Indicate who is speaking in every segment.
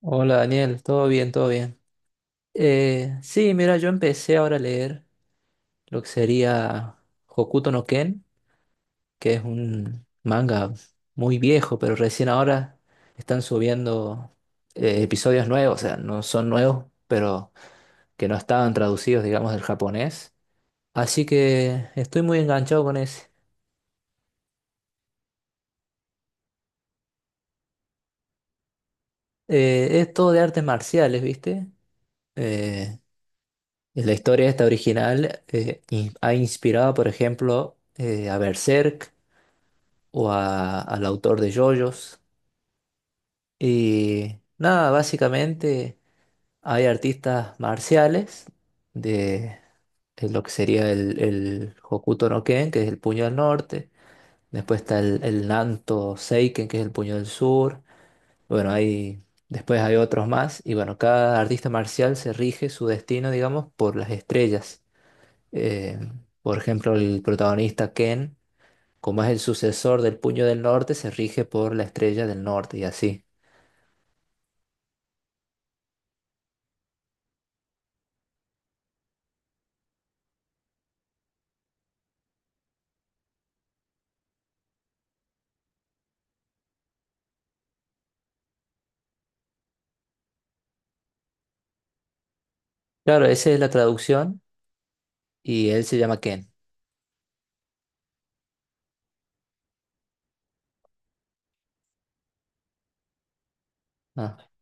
Speaker 1: Hola Daniel, todo bien, todo bien. Sí, mira, yo empecé ahora a leer lo que sería Hokuto no Ken, que es un manga muy viejo, pero recién ahora están subiendo episodios nuevos, o sea, no son nuevos, pero que no estaban traducidos, digamos, del japonés. Así que estoy muy enganchado con ese. Es todo de artes marciales, ¿viste? Eh, la historia esta original ha inspirado, por ejemplo, a Berserk, o al autor de JoJo's. Y nada, básicamente hay artistas marciales de, de lo que sería el Hokuto no Ken, que es el puño del norte. Después está el Nanto Seiken, que es el puño del sur. Bueno, después hay otros más. Y bueno, cada artista marcial se rige su destino, digamos, por las estrellas. Eh, por ejemplo, el protagonista Ken, como es el sucesor del puño del norte, se rige por la estrella del norte y así. Claro, esa es la traducción y él se llama Ken. Ah.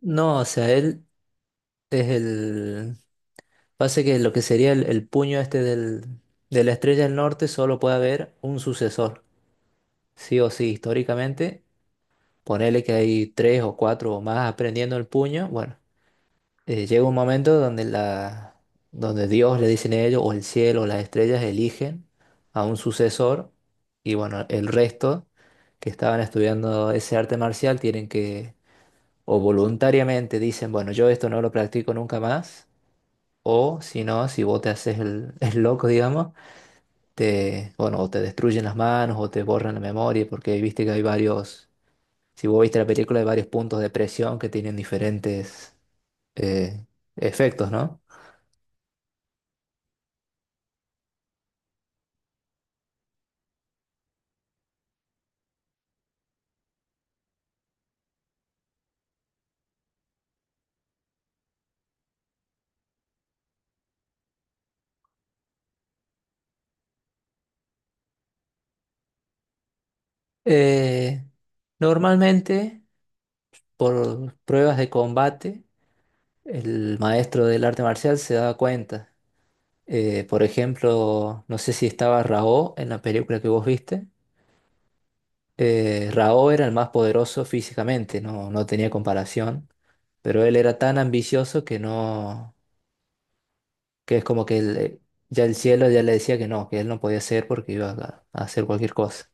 Speaker 1: No, o sea, él es el... Pasa que lo que sería el puño este de la estrella del norte solo puede haber un sucesor, sí o sí, históricamente. Ponele que hay tres o cuatro o más aprendiendo el puño. Bueno, llega un momento donde Dios le dicen a ellos, o el cielo, o las estrellas eligen a un sucesor y bueno, el resto que estaban estudiando ese arte marcial tienen que o voluntariamente dicen, bueno, yo esto no lo practico nunca más, o si no, si vos te haces el, el loco, digamos, bueno, o te destruyen las manos o te borran la memoria, porque viste que hay varios, si vos viste la película, hay varios puntos de presión que tienen diferentes eh, efectos, ¿no? Eh, Normalmente, por pruebas de combate, el maestro del arte marcial se da cuenta. Por ejemplo, no sé si estaba Raó en la película que vos viste. Rao era el más poderoso físicamente, no, no tenía comparación, pero él era tan ambicioso que no, que es como que él, ya el cielo ya le decía que no, que él no podía ser porque iba a hacer cualquier cosa.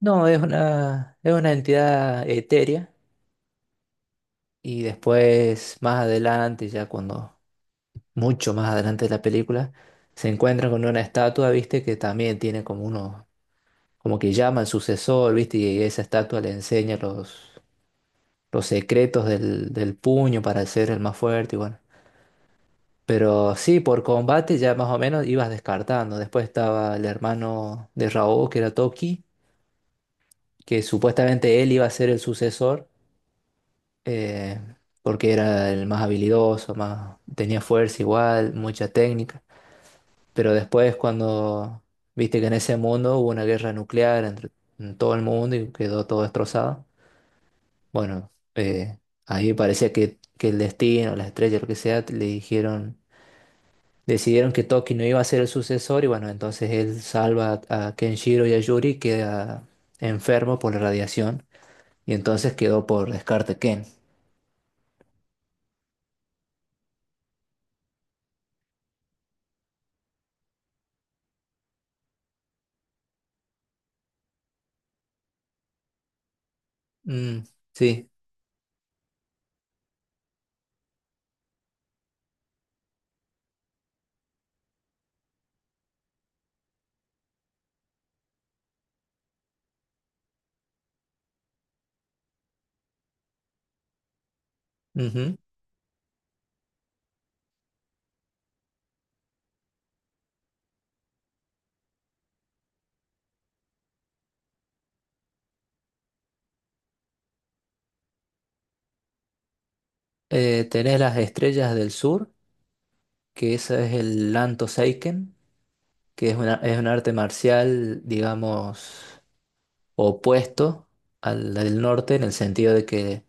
Speaker 1: No, es una entidad etérea y después más adelante, mucho más adelante de la película, se encuentran con una estatua, viste, que también tiene como uno, como que llama al sucesor, viste, y esa estatua le enseña los secretos del puño para ser el más fuerte y bueno. Pero sí, por combate ya más o menos ibas descartando. Después estaba el hermano de Raúl que era Toki, que supuestamente él iba a ser el sucesor, eh, porque era el más habilidoso, más, tenía fuerza igual, mucha técnica. Pero después cuando viste que en ese mundo hubo una guerra nuclear entre en todo el mundo y quedó todo destrozado. Bueno, ahí parecía que el destino, las estrellas, lo que sea, le dijeron, decidieron que Toki no iba a ser el sucesor y bueno, entonces él salva a Kenshiro y a Yuri, queda enfermo por la radiación y entonces quedó por descarte Ken. Mm, sí. Ujú. Tenés las estrellas del sur, que esa es el Lanto Seiken, que es una, es un arte marcial, digamos, opuesto al del norte en el sentido de que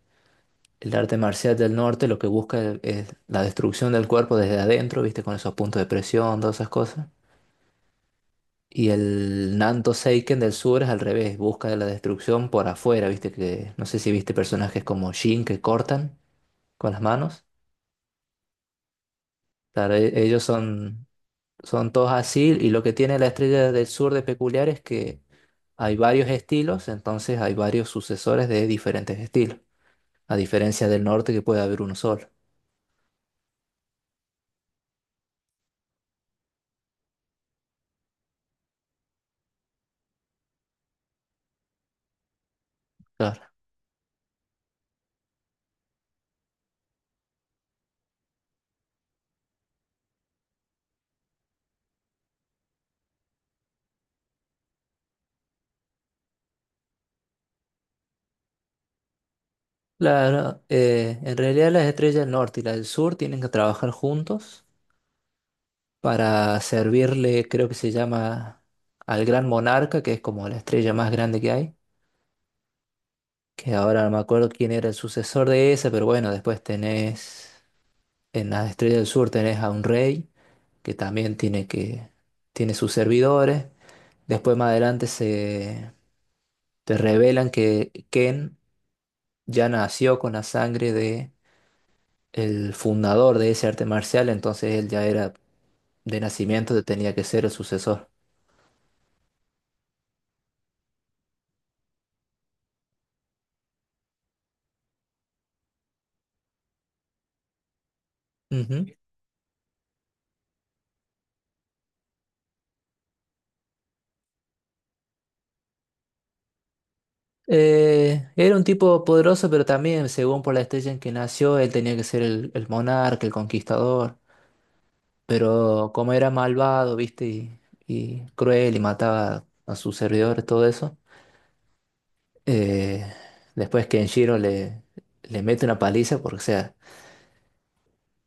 Speaker 1: el arte marcial del norte lo que busca es la destrucción del cuerpo desde adentro, viste, con esos puntos de presión, todas esas cosas. Y el Nanto Seiken del sur es al revés, busca la destrucción por afuera, viste, que no sé si viste personajes como Shin que cortan con las manos. Claro, ellos son, son todos así y lo que tiene la estrella del sur de peculiar es que hay varios estilos, entonces hay varios sucesores de diferentes estilos, a diferencia del norte que puede haber uno solo. Claro. Claro, en realidad las estrellas del norte y las del sur tienen que trabajar juntos para servirle, creo que se llama, al gran monarca, que es como la estrella más grande que hay, que ahora no me acuerdo quién era el sucesor de esa, pero bueno, después tenés, en las estrellas del sur tenés a un rey, que también tiene tiene sus servidores. Después más adelante se te revelan que Ken ya nació con la sangre el fundador de ese arte marcial, entonces él ya era de nacimiento, tenía que ser el sucesor. Ujú. Era un tipo poderoso, pero también, según por la estrella en que nació, él tenía que ser el monarca, el conquistador. Pero como era malvado, viste, y cruel y mataba a sus servidores, todo eso, eh, después Kenshiro le mete una paliza, porque, o sea,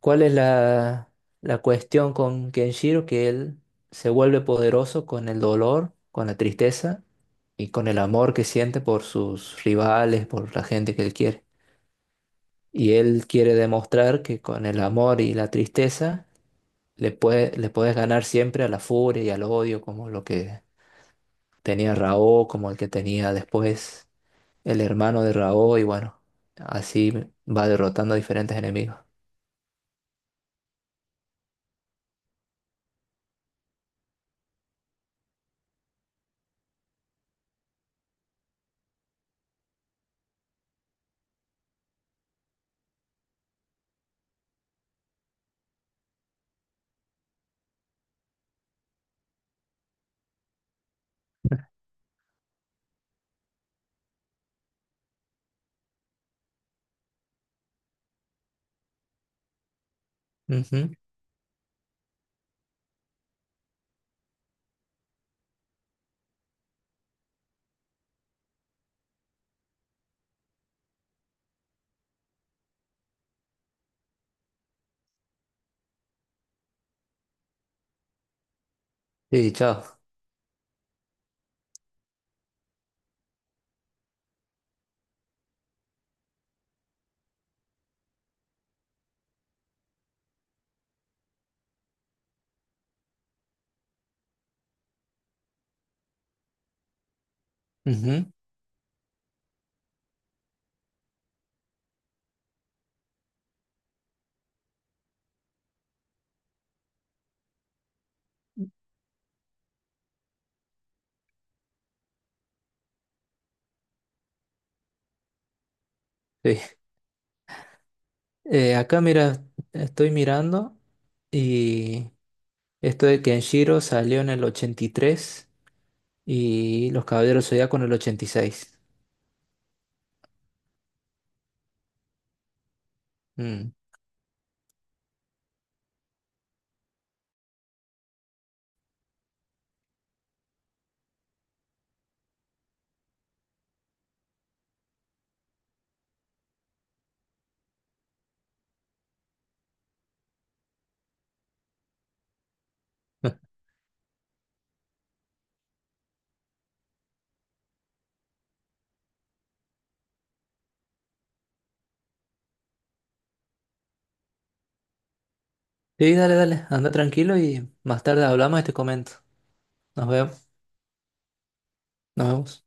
Speaker 1: ¿cuál es la cuestión con Kenshiro? Que él se vuelve poderoso con el dolor, con la tristeza y con el amor que siente por sus rivales, por la gente que él quiere. Y él quiere demostrar que con el amor y la tristeza le puedes ganar siempre a la furia y al odio, como lo que tenía Raoh, como el que tenía después el hermano de Raoh, y bueno, así va derrotando a diferentes enemigos. Ujú. Sí, chao. Ujú. Sí. Acá mira, estoy mirando y esto de Kenshiro salió en el 83 y Los Caballeros Zodíaco en el 86. Mm. Sí, dale, dale, anda tranquilo y más tarde hablamos y te comento. Nos vemos. Nos vemos.